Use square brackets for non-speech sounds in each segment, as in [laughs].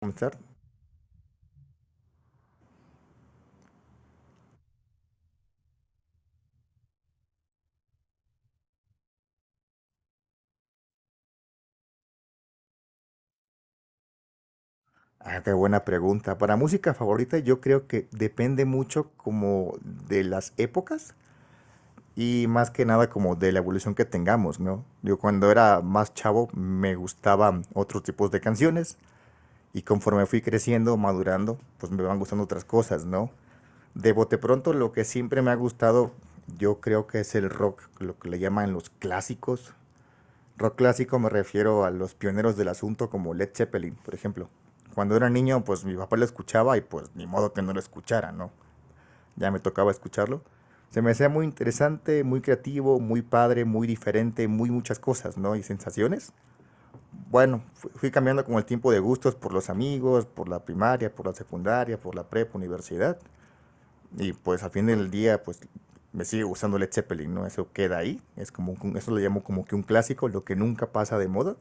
¿Comenzar? Ah, qué buena pregunta. Para música favorita yo creo que depende mucho como de las épocas y más que nada como de la evolución que tengamos, ¿no? Yo cuando era más chavo me gustaban otros tipos de canciones y conforme fui creciendo, madurando, pues me van gustando otras cosas, ¿no? De bote pronto lo que siempre me ha gustado yo creo que es el rock, lo que le llaman los clásicos. Rock clásico me refiero a los pioneros del asunto como Led Zeppelin, por ejemplo. Cuando era niño, pues mi papá lo escuchaba y pues ni modo que no lo escuchara, ¿no? Ya me tocaba escucharlo. Se me hacía muy interesante, muy creativo, muy padre, muy diferente, muy muchas cosas, ¿no? Y sensaciones. Bueno, fui cambiando con el tiempo de gustos por los amigos, por la primaria, por la secundaria, por la prepa, universidad. Y pues al fin del día, pues me sigue gustando Led Zeppelin, ¿no? Eso queda ahí. Es como un- eso lo llamo como que un clásico, lo que nunca pasa de moda.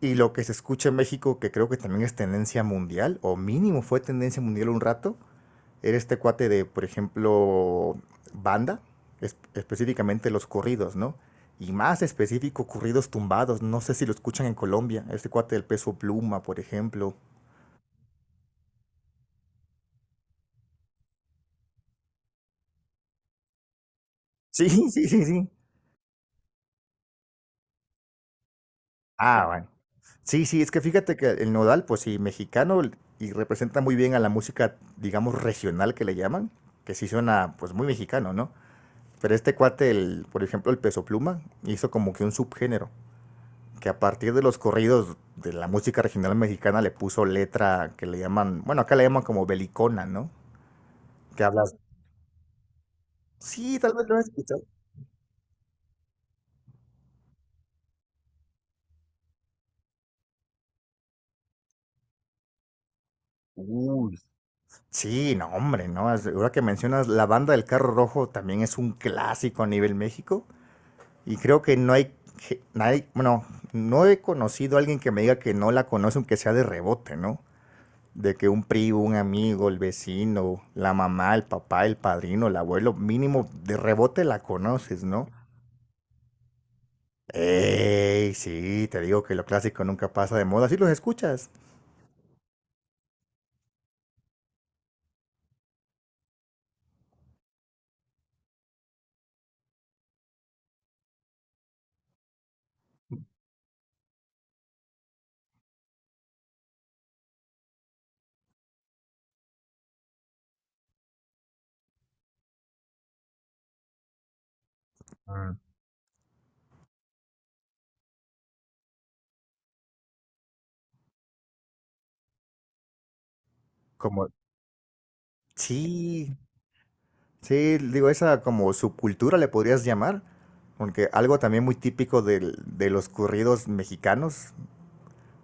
Y lo que se escucha en México, que creo que también es tendencia mundial, o mínimo fue tendencia mundial un rato, era este cuate de, por ejemplo, banda, específicamente los corridos, ¿no? Y más específico, corridos tumbados. No sé si lo escuchan en Colombia, este cuate del Peso Pluma, por ejemplo. Sí, [laughs] sí. Ah, bueno. Sí, sí, es que fíjate que el Nodal, pues sí, mexicano y representa muy bien a la música, digamos, regional que le llaman, que sí suena pues muy mexicano, ¿no? Pero este cuate, por ejemplo, el Peso Pluma, hizo como que un subgénero, que a partir de los corridos de la música regional mexicana le puso letra que le llaman, bueno, acá le llaman como belicona, ¿no? Que hablas. Sí, tal vez lo has escuchado. Uy. Sí, no, hombre, ¿no? Ahora que mencionas, la banda del carro rojo también es un clásico a nivel México. Y creo que no hay, nadie, bueno, no he conocido a alguien que me diga que no la conoce, aunque sea de rebote, ¿no? De que un primo, un amigo, el vecino, la mamá, el papá, el padrino, el abuelo, mínimo de rebote la conoces, ¿no? Ey, sí, te digo que lo clásico nunca pasa de moda, sí los escuchas. Mm. Como, sí, sí, digo, esa como subcultura le podrías llamar, porque algo también muy típico de los corridos mexicanos,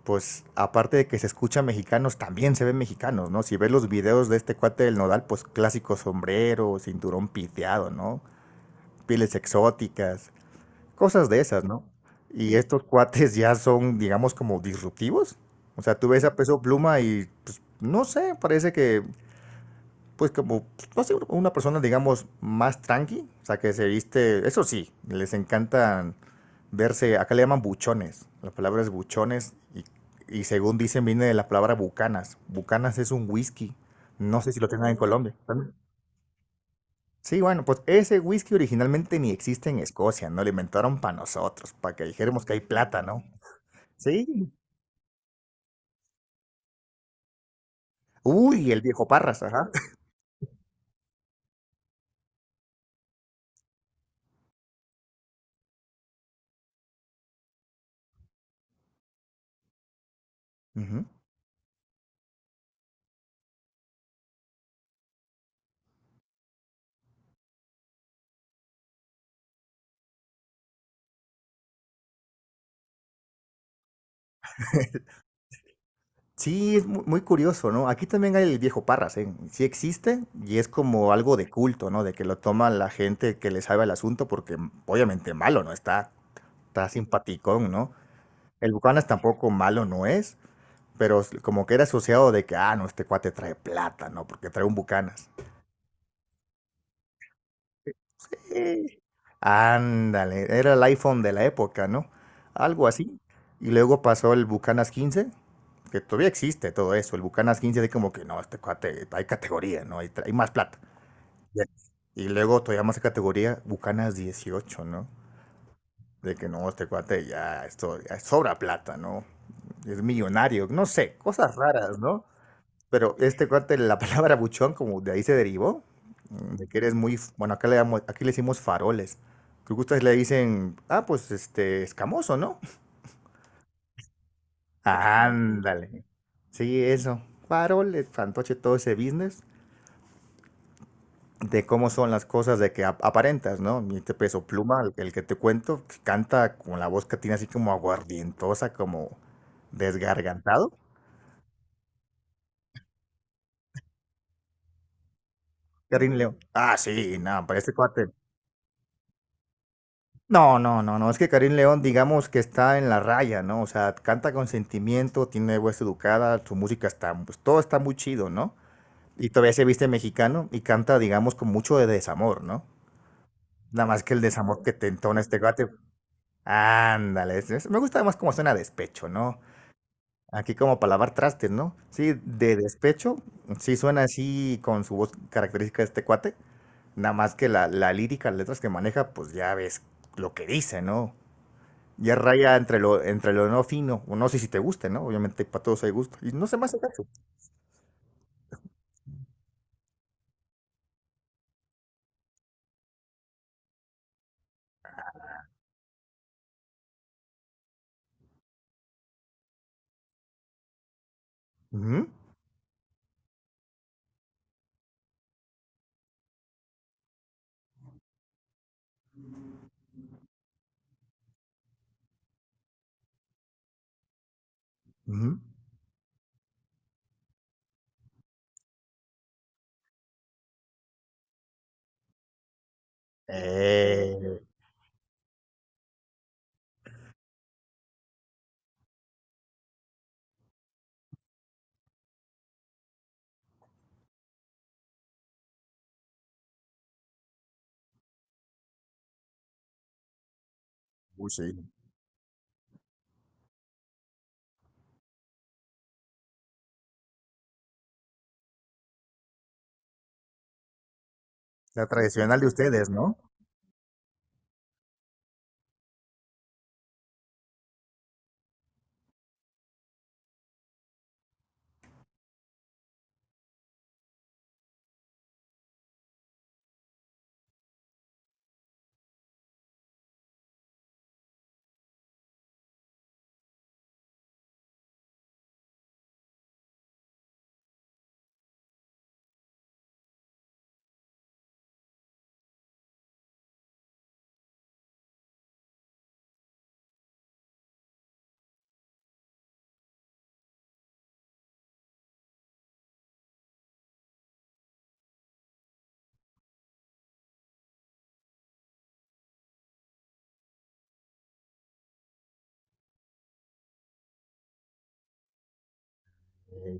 pues aparte de que se escucha mexicanos, también se ven mexicanos, ¿no? Si ves los videos de este cuate del Nodal, pues clásico sombrero, cinturón piteado, ¿no? Pieles exóticas, cosas de esas, ¿no? Y estos cuates ya son, digamos, como disruptivos. O sea, tú ves a Peso Pluma y, pues, no sé, parece que, pues, como, pues, no sé, una persona, digamos, más tranqui. O sea, que se viste, eso sí, les encantan verse, acá le llaman buchones. La palabra es buchones y, según dicen, viene de la palabra Bucanas. Bucanas es un whisky. No sé si lo tengan en Colombia. Sí, bueno, pues ese whisky originalmente ni existe en Escocia, ¿no? Lo inventaron para nosotros, para que dijéramos que hay plata, ¿no? Sí. Uy, el viejo Parras, ajá. Ujú. Sí, muy curioso, ¿no? Aquí también hay el viejo Parras, ¿eh? Sí existe y es como algo de culto, ¿no? De que lo toma la gente que le sabe el asunto porque mm, obviamente malo no está, está simpaticón, ¿no? El Bucanas tampoco malo no es, pero como que era asociado de que, ah, no, este cuate trae plata, ¿no? Porque trae un Bucanas. Eh, Ándale, era el iPhone de la época, ¿no? Algo así. Y luego pasó el Bucanas 15, que todavía existe todo eso. El Bucanas 15 de como que no, este cuate, hay categoría, ¿no? Hay, hay más plata. Ya. Y luego todavía más categoría, Bucanas 18, ¿no? De que no, este cuate ya, esto ya sobra plata, ¿no? Es millonario, no sé, cosas raras, ¿no? Pero este cuate, la [laughs] palabra buchón, como de ahí se derivó, mm, de que eres muy, bueno, acá le, damos, aquí le decimos faroles. Que ustedes le dicen, ah, pues este, escamoso, ¿no? [laughs] Ándale. Sí, eso. Farol, fantoche, todo ese business de cómo son las cosas, de que aparentas, ¿no? Mi este Peso Pluma, el que te cuento, que canta con la voz que tiene así como aguardientosa, como desgargantado. Karim León. Ah, sí, nada, para este cuate. No, es que Karim León, digamos que está en la raya, ¿no? O sea, canta con sentimiento, tiene voz educada, su música está, pues todo está muy chido, ¿no? Y todavía se viste mexicano y canta, digamos, con mucho de desamor, ¿no? Nada más que el desamor que te entona este gato. Ándale, me gusta más como suena despecho, ¿no? Aquí como para lavar trastes, ¿no? Sí, de despecho, sí suena así con su voz característica de este cuate. Nada más que la lírica, las letras que maneja, pues ya ves lo que dice, ¿no? Ya raya entre lo no fino. O no sé si te guste, ¿no? Obviamente para todos hay gusto. Y no se me hace caso. Ujú, ujú. Eh, uy, sí. La tradicional de ustedes, ¿no? Eh,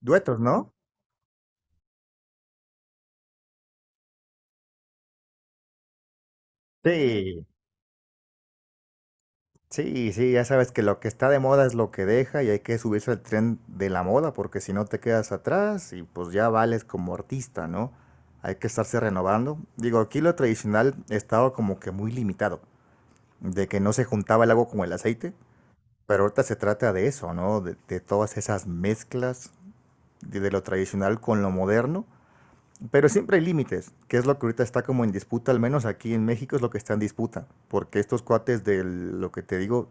duetos, ¿no? Sí. Sí, sí, ya sabes que lo que está de moda es lo que deja y hay que subirse al tren de la moda porque si no te quedas atrás y pues ya vales como artista, ¿no? Hay que estarse renovando. Digo, aquí lo tradicional estaba como que muy limitado, de que no se juntaba el agua con el aceite. Pero ahorita se trata de eso, ¿no? De, todas esas mezclas de, lo tradicional con lo moderno. Pero siempre hay límites, que es lo que ahorita está como en disputa, al menos aquí en México es lo que está en disputa. Porque estos cuates de lo que te digo,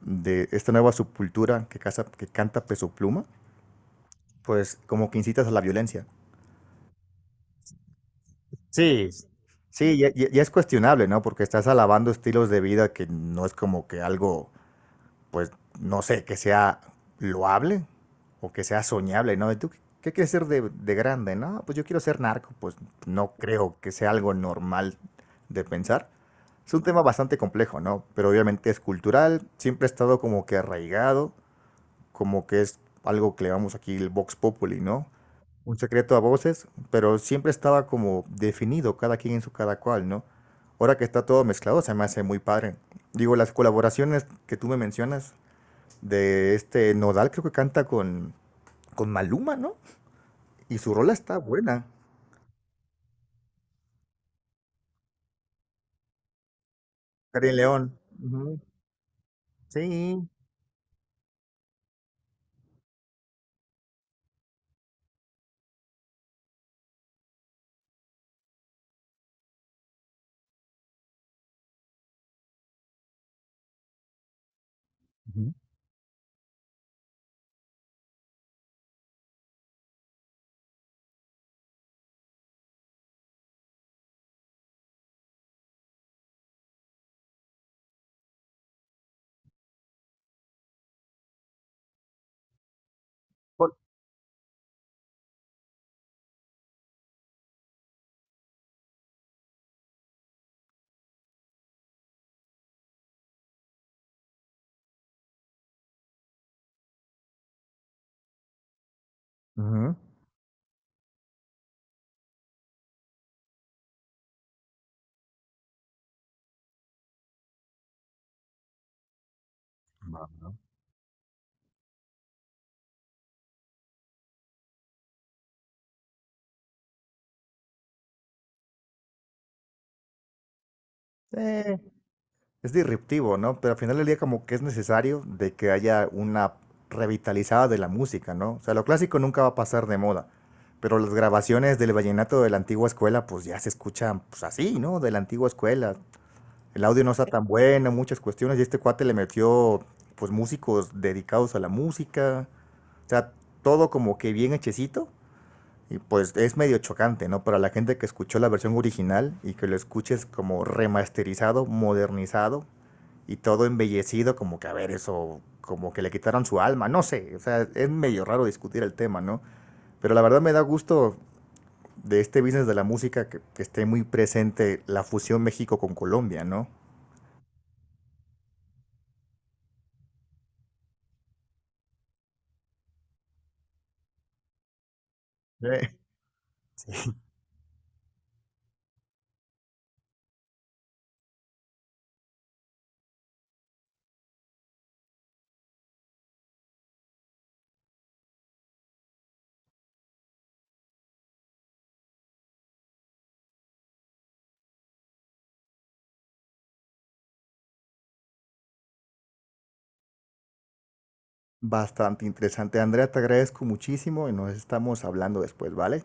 de esta nueva subcultura que, casa, que canta Peso Pluma, pues como que incitas a la violencia. Sí. Sí, ya es cuestionable, ¿no? Porque estás alabando estilos de vida que no es como que algo, pues no sé, que sea loable o que sea soñable, ¿no? ¿Y tú qué, quieres ser de grande? No, pues yo quiero ser narco, pues no creo que sea algo normal de pensar. Es un tema bastante complejo, ¿no? Pero obviamente es cultural, siempre ha estado como que arraigado, como que es algo que le llamamos aquí el Vox Populi, ¿no? Un secreto a voces, pero siempre estaba como definido cada quien en su cada cual, ¿no? Ahora que está todo mezclado, se me hace muy padre. Digo, las colaboraciones que tú me mencionas, de este Nodal, creo que canta con Maluma, ¿no? Y su rola está buena. Karin León. Ujú, sí. Ujú. Pol- ujú. Va. Eh, es disruptivo, ¿no? Pero al final del día como que es necesario de que haya una revitalizada de la música, ¿no? O sea, lo clásico nunca va a pasar de moda, pero las grabaciones del vallenato de la antigua escuela pues ya se escuchan pues así, ¿no? De la antigua escuela. El audio no está tan bueno, muchas cuestiones, y este cuate le metió pues músicos dedicados a la música. O sea, todo como que bien hechecito. Y pues es medio chocante, ¿no? Para la gente que escuchó la versión original y que lo escuches como remasterizado, modernizado y todo embellecido, como que a ver, eso, como que le quitaron su alma, no sé. O sea, es medio raro discutir el tema, ¿no? Pero la verdad me da gusto de este business de la música que esté muy presente la fusión México con Colombia, ¿no? Sí. Bastante interesante. Andrea, te agradezco muchísimo y nos estamos hablando después, ¿vale?